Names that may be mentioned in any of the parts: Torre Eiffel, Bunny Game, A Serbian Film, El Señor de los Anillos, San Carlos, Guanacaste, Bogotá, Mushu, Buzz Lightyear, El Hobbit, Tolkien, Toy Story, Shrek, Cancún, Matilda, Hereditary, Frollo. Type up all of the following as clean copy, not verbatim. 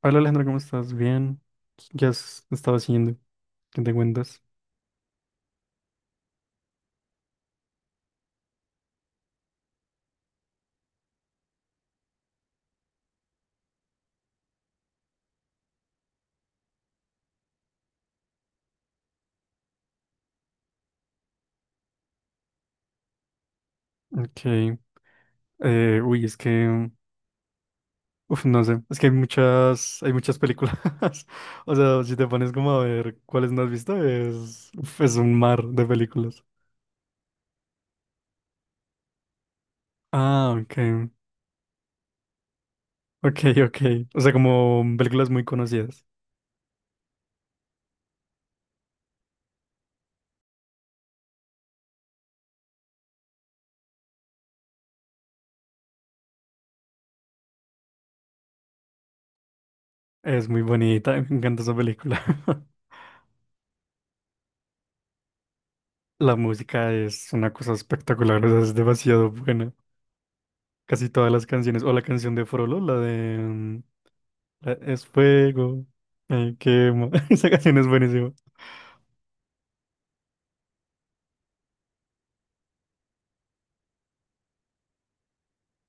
Hola Alejandra, ¿cómo estás? Bien. ¿Qué has estado haciendo? ¿Qué te cuentas? Ok. Uy, es que, no sé, es que hay muchas películas. O sea, si te pones como a ver cuáles no has visto, es, es un mar de películas. Ah, ok. Ok, ok. O sea, como películas muy conocidas. Es muy bonita, me encanta esa película. La música es una cosa espectacular, o sea, es demasiado buena. Casi todas las canciones, o la canción de Frollo, la de Es fuego, me quema. Esa canción es buenísima.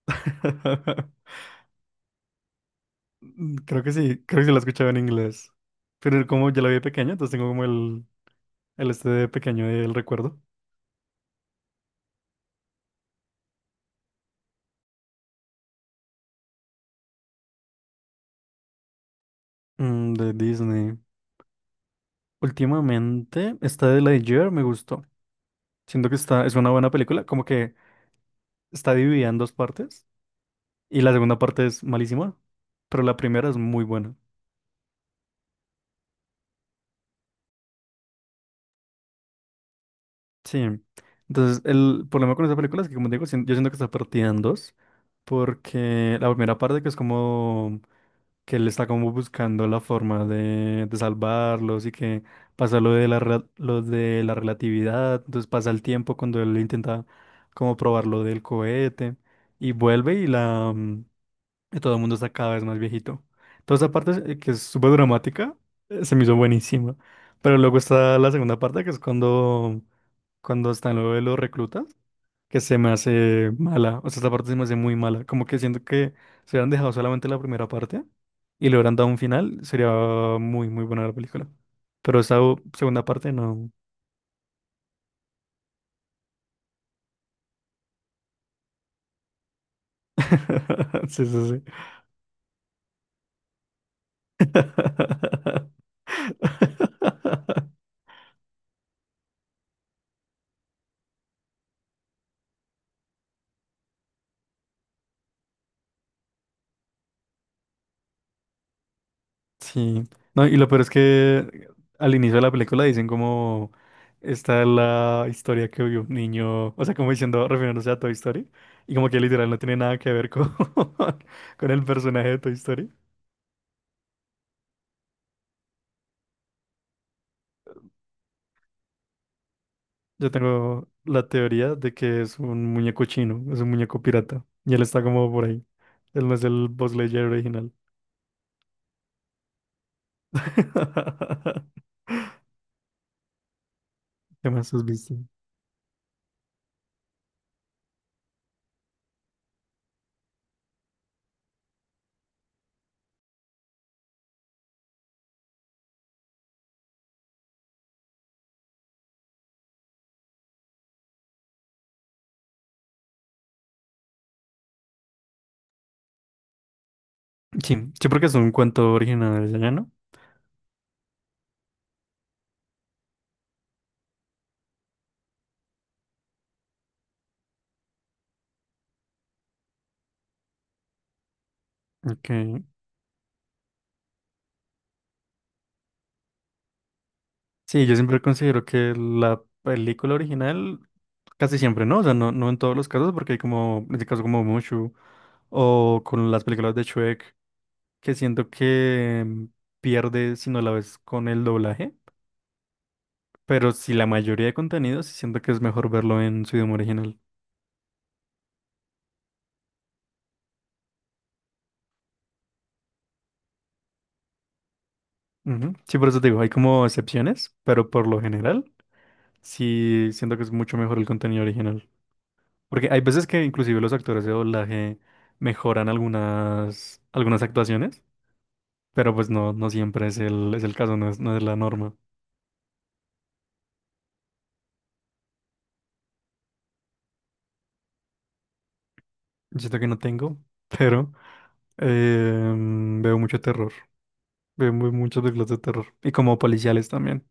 Creo que sí la escuchaba en inglés. Pero como ya la vi de pequeño, entonces tengo como el este de pequeño del recuerdo. De Disney. Últimamente, esta de Lightyear me gustó. Siento que está, es una buena película, como que está dividida en dos partes. Y la segunda parte es malísima, pero la primera es muy buena. Sí. Entonces, el problema con esa película es que, como digo, yo siento que está partida en dos, porque la primera parte que es como que él está como buscando la forma de salvarlos y que pasa lo de lo de la relatividad, entonces pasa el tiempo cuando él intenta como probar lo del cohete y vuelve y y todo el mundo está cada vez más viejito. Toda esa parte que es súper dramática, se me hizo buenísima. Pero luego está la segunda parte, que es cuando, cuando están lo de los reclutas, que se me hace mala. O sea, esta parte se me hace muy mala. Como que siento que si hubieran dejado solamente la primera parte y le hubieran dado un final, sería muy, muy buena la película. Pero esa segunda parte no. Sí, sí, sí. Sí, no, y lo peor es que al inicio de la película dicen como esta es la historia que vio un niño, o sea, como diciendo, refiriéndose a Toy Story, y como que literal no tiene nada que ver con, con el personaje de Toy Story. Yo tengo la teoría de que es un muñeco chino, es un muñeco pirata, y él está como por ahí. Él no es el Buzz Lightyear original. ¿Qué más has visto? Sí, sí, porque es un cuento original de allá, ¿no? Ok. Sí, yo siempre considero que la película original, casi siempre, ¿no? O sea, no, no en todos los casos, porque hay como, en este caso como Mushu, o con las películas de Shrek, que siento que pierde si no la ves con el doblaje, pero si la mayoría de contenidos, sí siento que es mejor verlo en su idioma original. Ujú. Sí, por eso te digo, hay como excepciones, pero por lo general, sí siento que es mucho mejor el contenido original. Porque hay veces que inclusive los actores de doblaje mejoran algunas, algunas actuaciones. Pero pues no, no siempre es es el caso, no es, no es la norma. Yo siento que no tengo, pero veo mucho terror. Muchas películas de terror. Y como policiales también.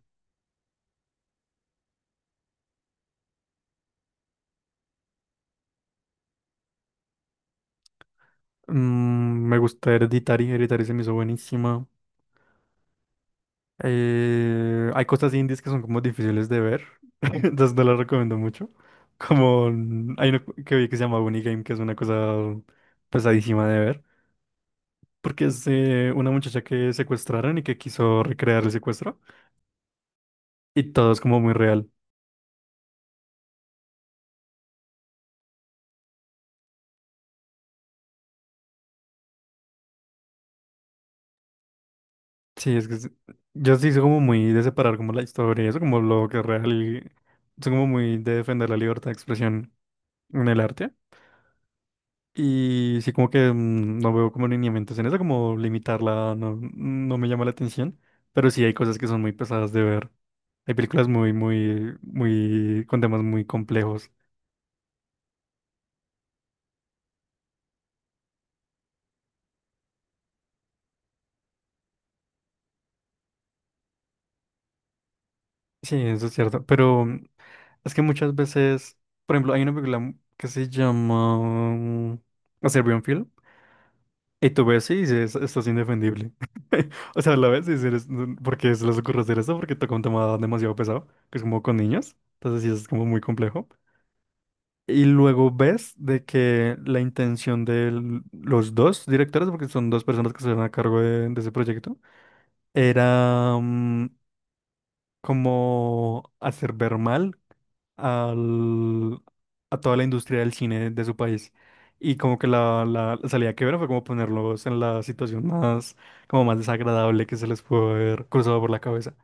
Me gusta Hereditary, Hereditary se me hizo buenísima. Hay cosas indies que son como difíciles de ver, entonces no las recomiendo mucho. Como hay una que vi que se llama Bunny Game, que es una cosa pesadísima de ver. Porque es una muchacha que secuestraron y que quiso recrear el secuestro. Y todo es como muy real. Sí, es que es- yo sí soy como muy de separar como la historia y eso, como lo que es real y soy como muy de defender la libertad de expresión en el arte. Y sí como que no veo como lineamientos en eso, como limitarla no, no me llama la atención, pero sí hay cosas que son muy pesadas de ver. Hay películas muy, muy, muy, con temas muy complejos. Sí, eso es cierto, pero es que muchas veces, por ejemplo, hay una película que se llama mm, A Serbian Film. Y tú ves, sí, dices, esto es indefendible. O sea, la ves y dices, porque se les ocurre hacer eso? Porque toca un tema demasiado pesado, que es como con niños. Entonces sí, es como muy complejo. Y luego ves de que la intención de los dos directores, porque son dos personas que estuvieron a cargo de ese proyecto, era como hacer ver mal al- a toda la industria del cine de su país. Y como que la salida que vieron fue como ponerlos en la situación más, como más desagradable que se les pudo haber cruzado por la cabeza.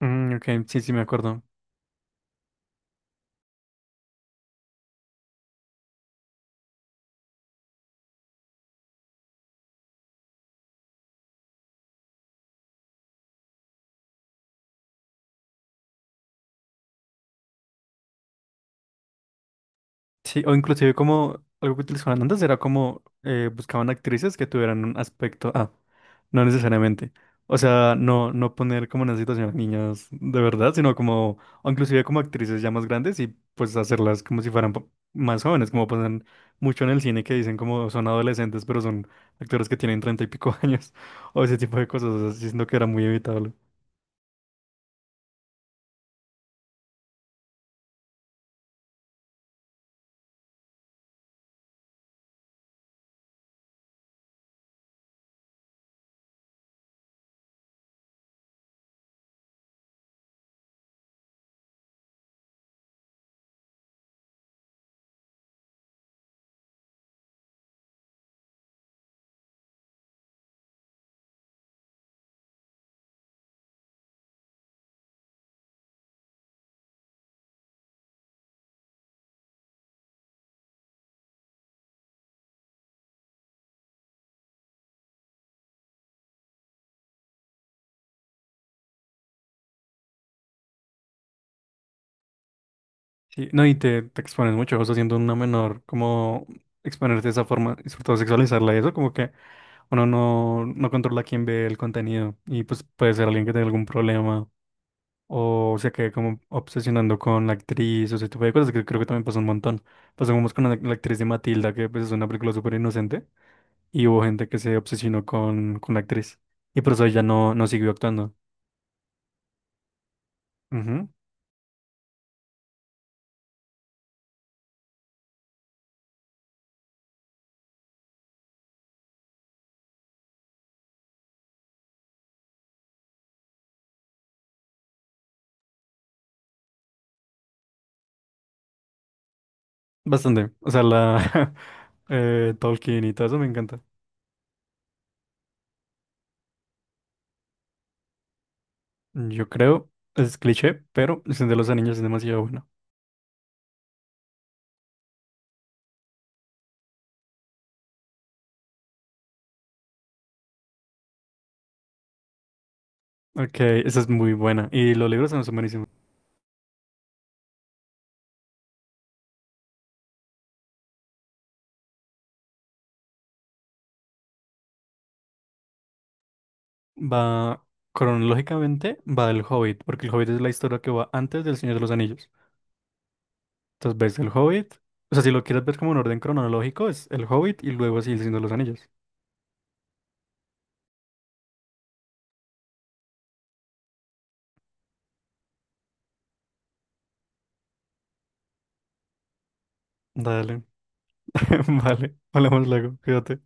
Ok, sí, sí, me acuerdo. Sí, o inclusive como algo que utilizaban antes era como buscaban actrices que tuvieran un aspecto. Ah, no necesariamente. O sea, no, no poner como en una situación a niñas de verdad, sino como, o inclusive como actrices ya más grandes y pues hacerlas como si fueran más jóvenes, como pasan mucho en el cine que dicen como son adolescentes, pero son actores que tienen treinta y pico años, o ese tipo de cosas, o sea, sí siento que era muy evitable. Sí, no, te expones mucho, o sea, siendo una menor, como exponerte de esa forma, y sobre todo sexualizarla y eso, como que uno no, no controla quién ve el contenido y pues puede ser alguien que tenga algún problema o se quede como obsesionando con la actriz, o ese tipo de cosas que creo que también pasa un montón. Pasó como con la actriz de Matilda, que pues es una película súper inocente, y hubo gente que se obsesionó con la actriz, y por eso ella no, no siguió actuando. Ujú, bastante. O sea, la Tolkien y todo eso me encanta. Yo creo, es cliché, pero El Señor de los Anillos es demasiado bueno. Ok, esa es muy buena. Y los libros son buenísimos. Va, cronológicamente va El Hobbit, porque El Hobbit es la historia que va antes del Señor de los Anillos. Entonces ves El Hobbit. O sea, si lo quieres ver como en orden cronológico, es El Hobbit y luego así El Señor de los Anillos. Dale. Vale. Hablamos luego. Cuídate.